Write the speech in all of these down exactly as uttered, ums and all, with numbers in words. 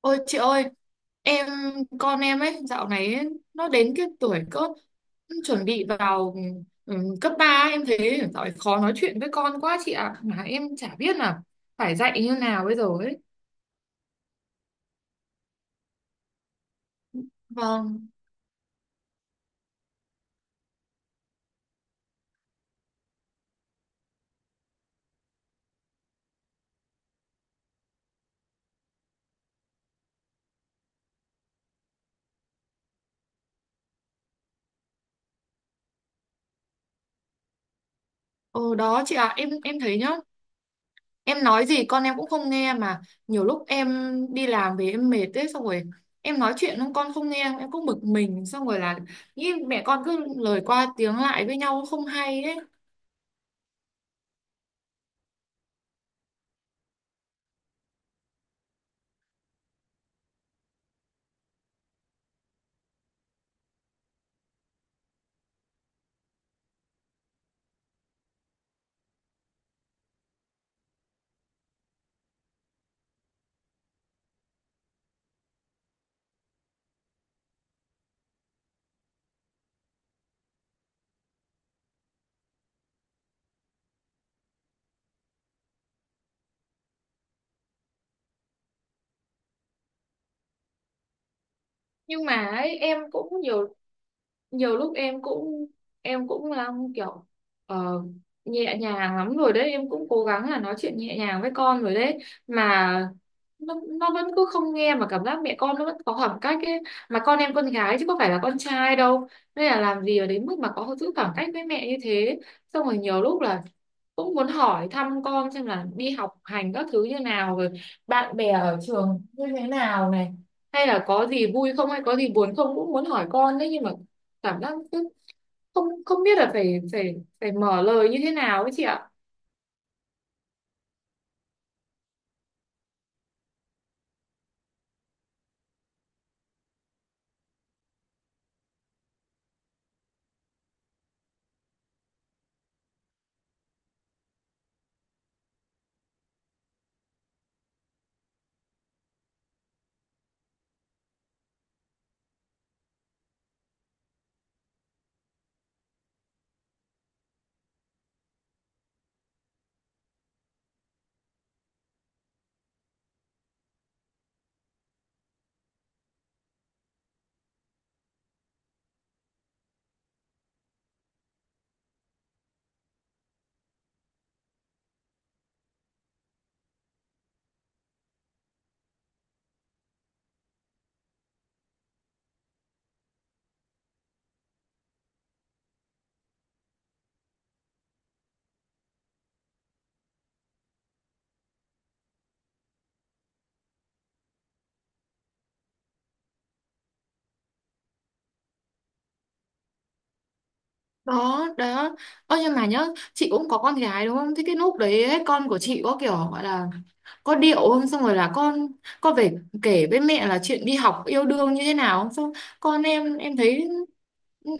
Ôi chị ơi, em con em ấy dạo này ấy, nó đến cái tuổi cỡ chuẩn bị vào ừm, cấp ba. Em thấy dạo này khó nói chuyện với con quá chị ạ, mà em chả biết là phải dạy như nào bây giờ ấy. Vâng. Ồ đó chị ạ, em em thấy nhá, em nói gì con em cũng không nghe. Mà nhiều lúc em đi làm về em mệt ấy, xong rồi em nói chuyện không con không nghe, em cũng bực mình, xong rồi là nghĩ mẹ con cứ lời qua tiếng lại với nhau không hay ấy. Nhưng mà ấy, em cũng nhiều, nhiều lúc em cũng, em cũng là kiểu, ờ, nhẹ nhàng lắm rồi đấy, em cũng cố gắng là nói chuyện nhẹ nhàng với con rồi đấy, mà nó, nó vẫn cứ không nghe, mà cảm giác mẹ con nó vẫn có khoảng cách ấy. Mà con em con gái chứ có phải là con trai đâu, nên là làm gì ở đến mức mà có giữ khoảng cách với mẹ như thế. Xong rồi nhiều lúc là cũng muốn hỏi thăm con xem là đi học hành các thứ như nào rồi, bạn bè ở trường như thế nào này, hay là có gì vui không, hay có gì buồn không, cũng muốn hỏi con đấy, nhưng mà cảm giác cứ không, không biết là phải phải phải mở lời như thế nào ấy chị ạ. Đó đó, ơ nhưng mà nhớ chị cũng có con gái đúng không, thế cái lúc đấy ấy, con của chị có kiểu gọi là có điệu không, xong rồi là con con về kể với mẹ là chuyện đi học yêu đương như thế nào không? Xong con em em thấy,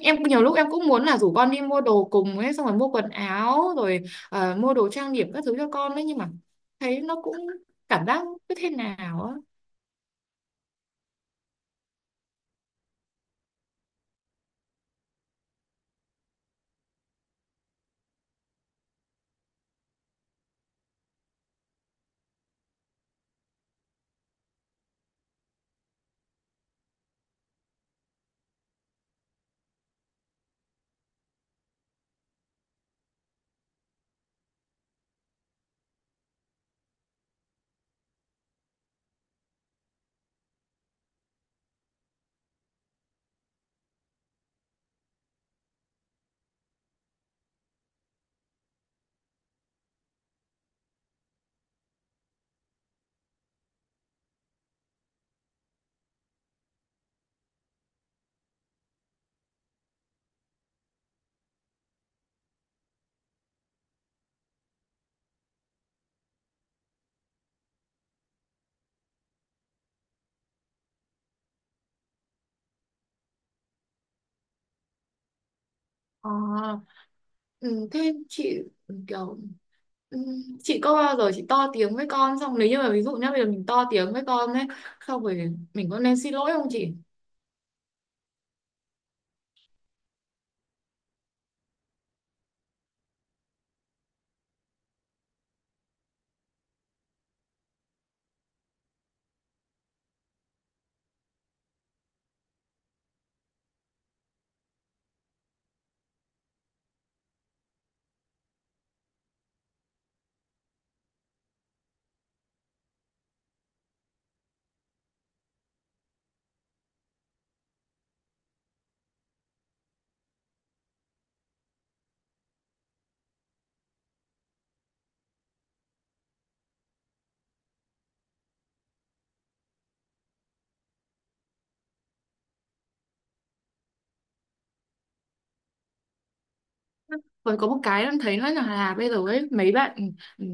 em nhiều lúc em cũng muốn là rủ con đi mua đồ cùng ấy, xong rồi mua quần áo rồi ờ, mua đồ trang điểm các thứ cho con đấy, nhưng mà thấy nó cũng cảm giác cứ thế nào á. Ờ, ừ, thế chị kiểu, ừ, chị có bao giờ chị to tiếng với con, xong nếu như mà ví dụ nhá bây giờ mình to tiếng với con ấy, xong rồi mình có nên xin lỗi không chị? Còn có một cái em thấy nữa là, là bây giờ ấy mấy bạn, ừ,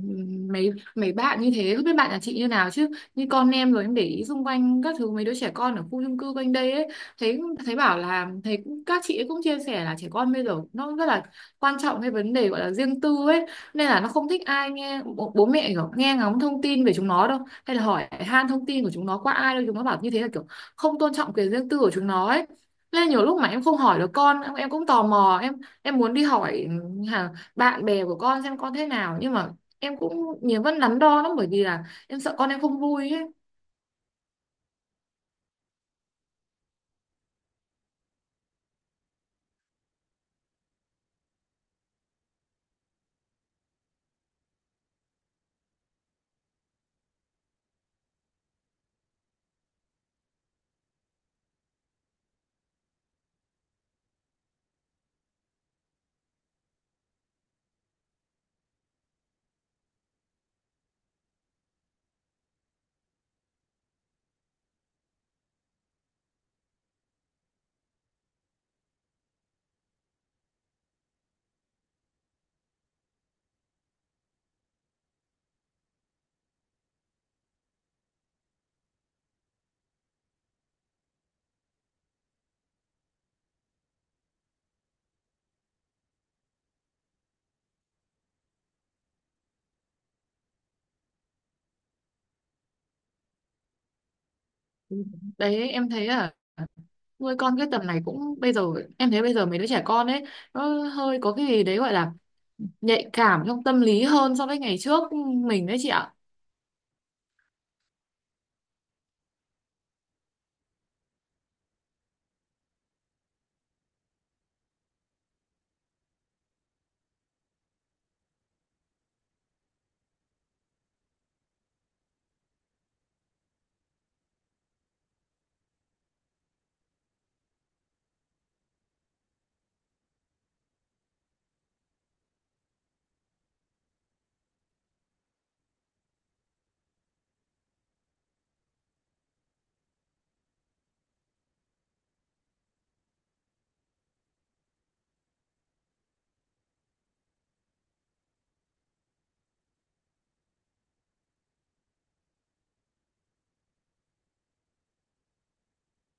mấy mấy bạn như thế, không biết bạn nhà chị như nào chứ như con em rồi em để ý xung quanh các thứ mấy đứa trẻ con ở khu chung cư quanh đây ấy, thấy, thấy bảo là thấy các chị ấy cũng chia sẻ là trẻ con bây giờ nó rất là quan trọng cái vấn đề gọi là riêng tư ấy. Nên là nó không thích ai nghe bố, bố mẹ kiểu nghe ngóng thông tin về chúng nó đâu, hay là hỏi han thông tin của chúng nó qua ai đâu. Chúng nó bảo như thế là kiểu không tôn trọng quyền riêng tư của chúng nó ấy. Nên nhiều lúc mà em không hỏi được con em, em cũng tò mò, em em muốn đi hỏi hả bạn bè của con xem con thế nào, nhưng mà em cũng nhiều vẫn đắn đo lắm, bởi vì là em sợ con em không vui ấy. Ừ. Đấy em thấy là nuôi con cái tầm này cũng bây giờ em thấy bây giờ mấy đứa trẻ con ấy nó hơi có cái gì đấy gọi là nhạy cảm trong tâm lý hơn so với ngày trước mình đấy chị ạ.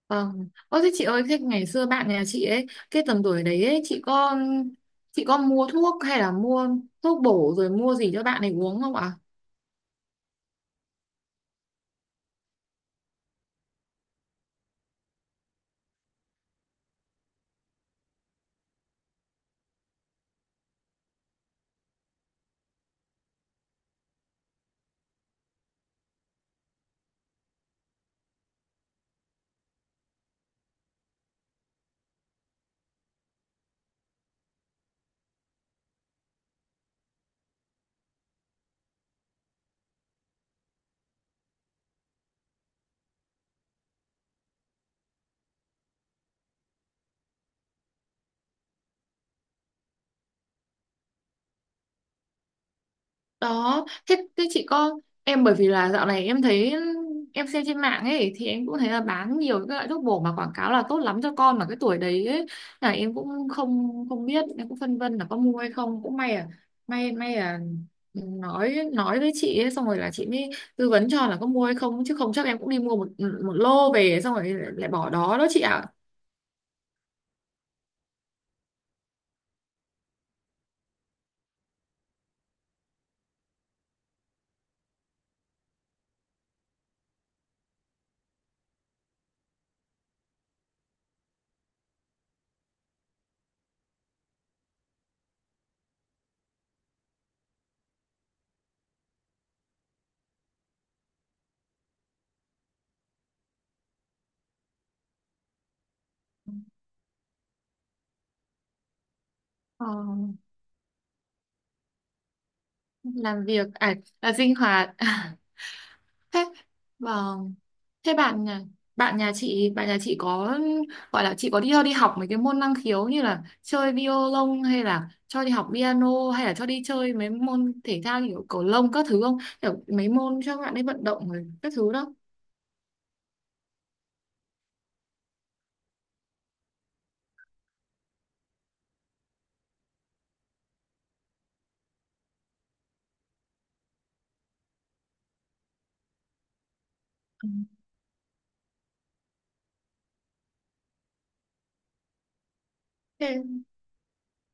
Vâng, ơ thế chị ơi, thế ngày xưa bạn nhà chị ấy cái tầm tuổi đấy ấy, chị có, chị có mua thuốc hay là mua thuốc bổ rồi mua gì cho bạn ấy uống không ạ? Đó thế, thế chị có, em bởi vì là dạo này em thấy, em xem trên mạng ấy thì em cũng thấy là bán nhiều cái loại thuốc bổ mà quảng cáo là tốt lắm cho con mà cái tuổi đấy ấy, là em cũng không, không biết, em cũng phân vân là có mua hay không. Cũng may à, may may à, nói nói với chị ấy, xong rồi là chị mới tư vấn cho là có mua hay không, chứ không chắc em cũng đi mua một, một lô về xong rồi lại bỏ đó đó chị ạ. Ờ, làm việc à, là sinh hoạt thế, vâng, thế bạn nhà bạn nhà chị bạn nhà chị có gọi là chị có đi cho đi học mấy cái môn năng khiếu như là chơi violon hay là cho đi học piano, hay là cho đi chơi mấy môn thể thao như kiểu cầu lông các thứ không, kiểu mấy môn cho bạn ấy vận động rồi các thứ đó? Thế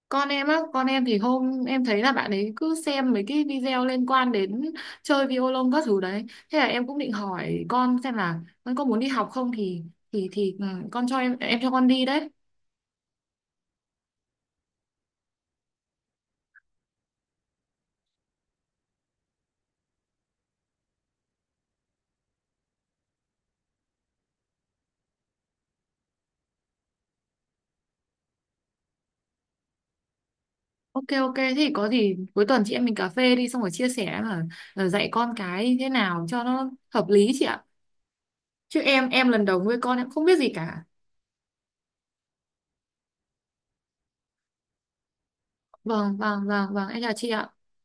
con em á, con em thì hôm em thấy là bạn ấy cứ xem mấy cái video liên quan đến chơi violon các thứ đấy, thế là em cũng định hỏi con xem là con có muốn đi học không thì, thì thì ừ, con cho em em cho con đi đấy. Ok ok, thế thì có gì cuối tuần chị em mình cà phê đi, xong rồi chia sẻ mà, ờ, dạy con cái như thế nào cho nó hợp lý chị ạ. Chứ em em lần đầu nuôi con em không biết gì cả. Vâng vâng vâng vâng, em chào chị ạ.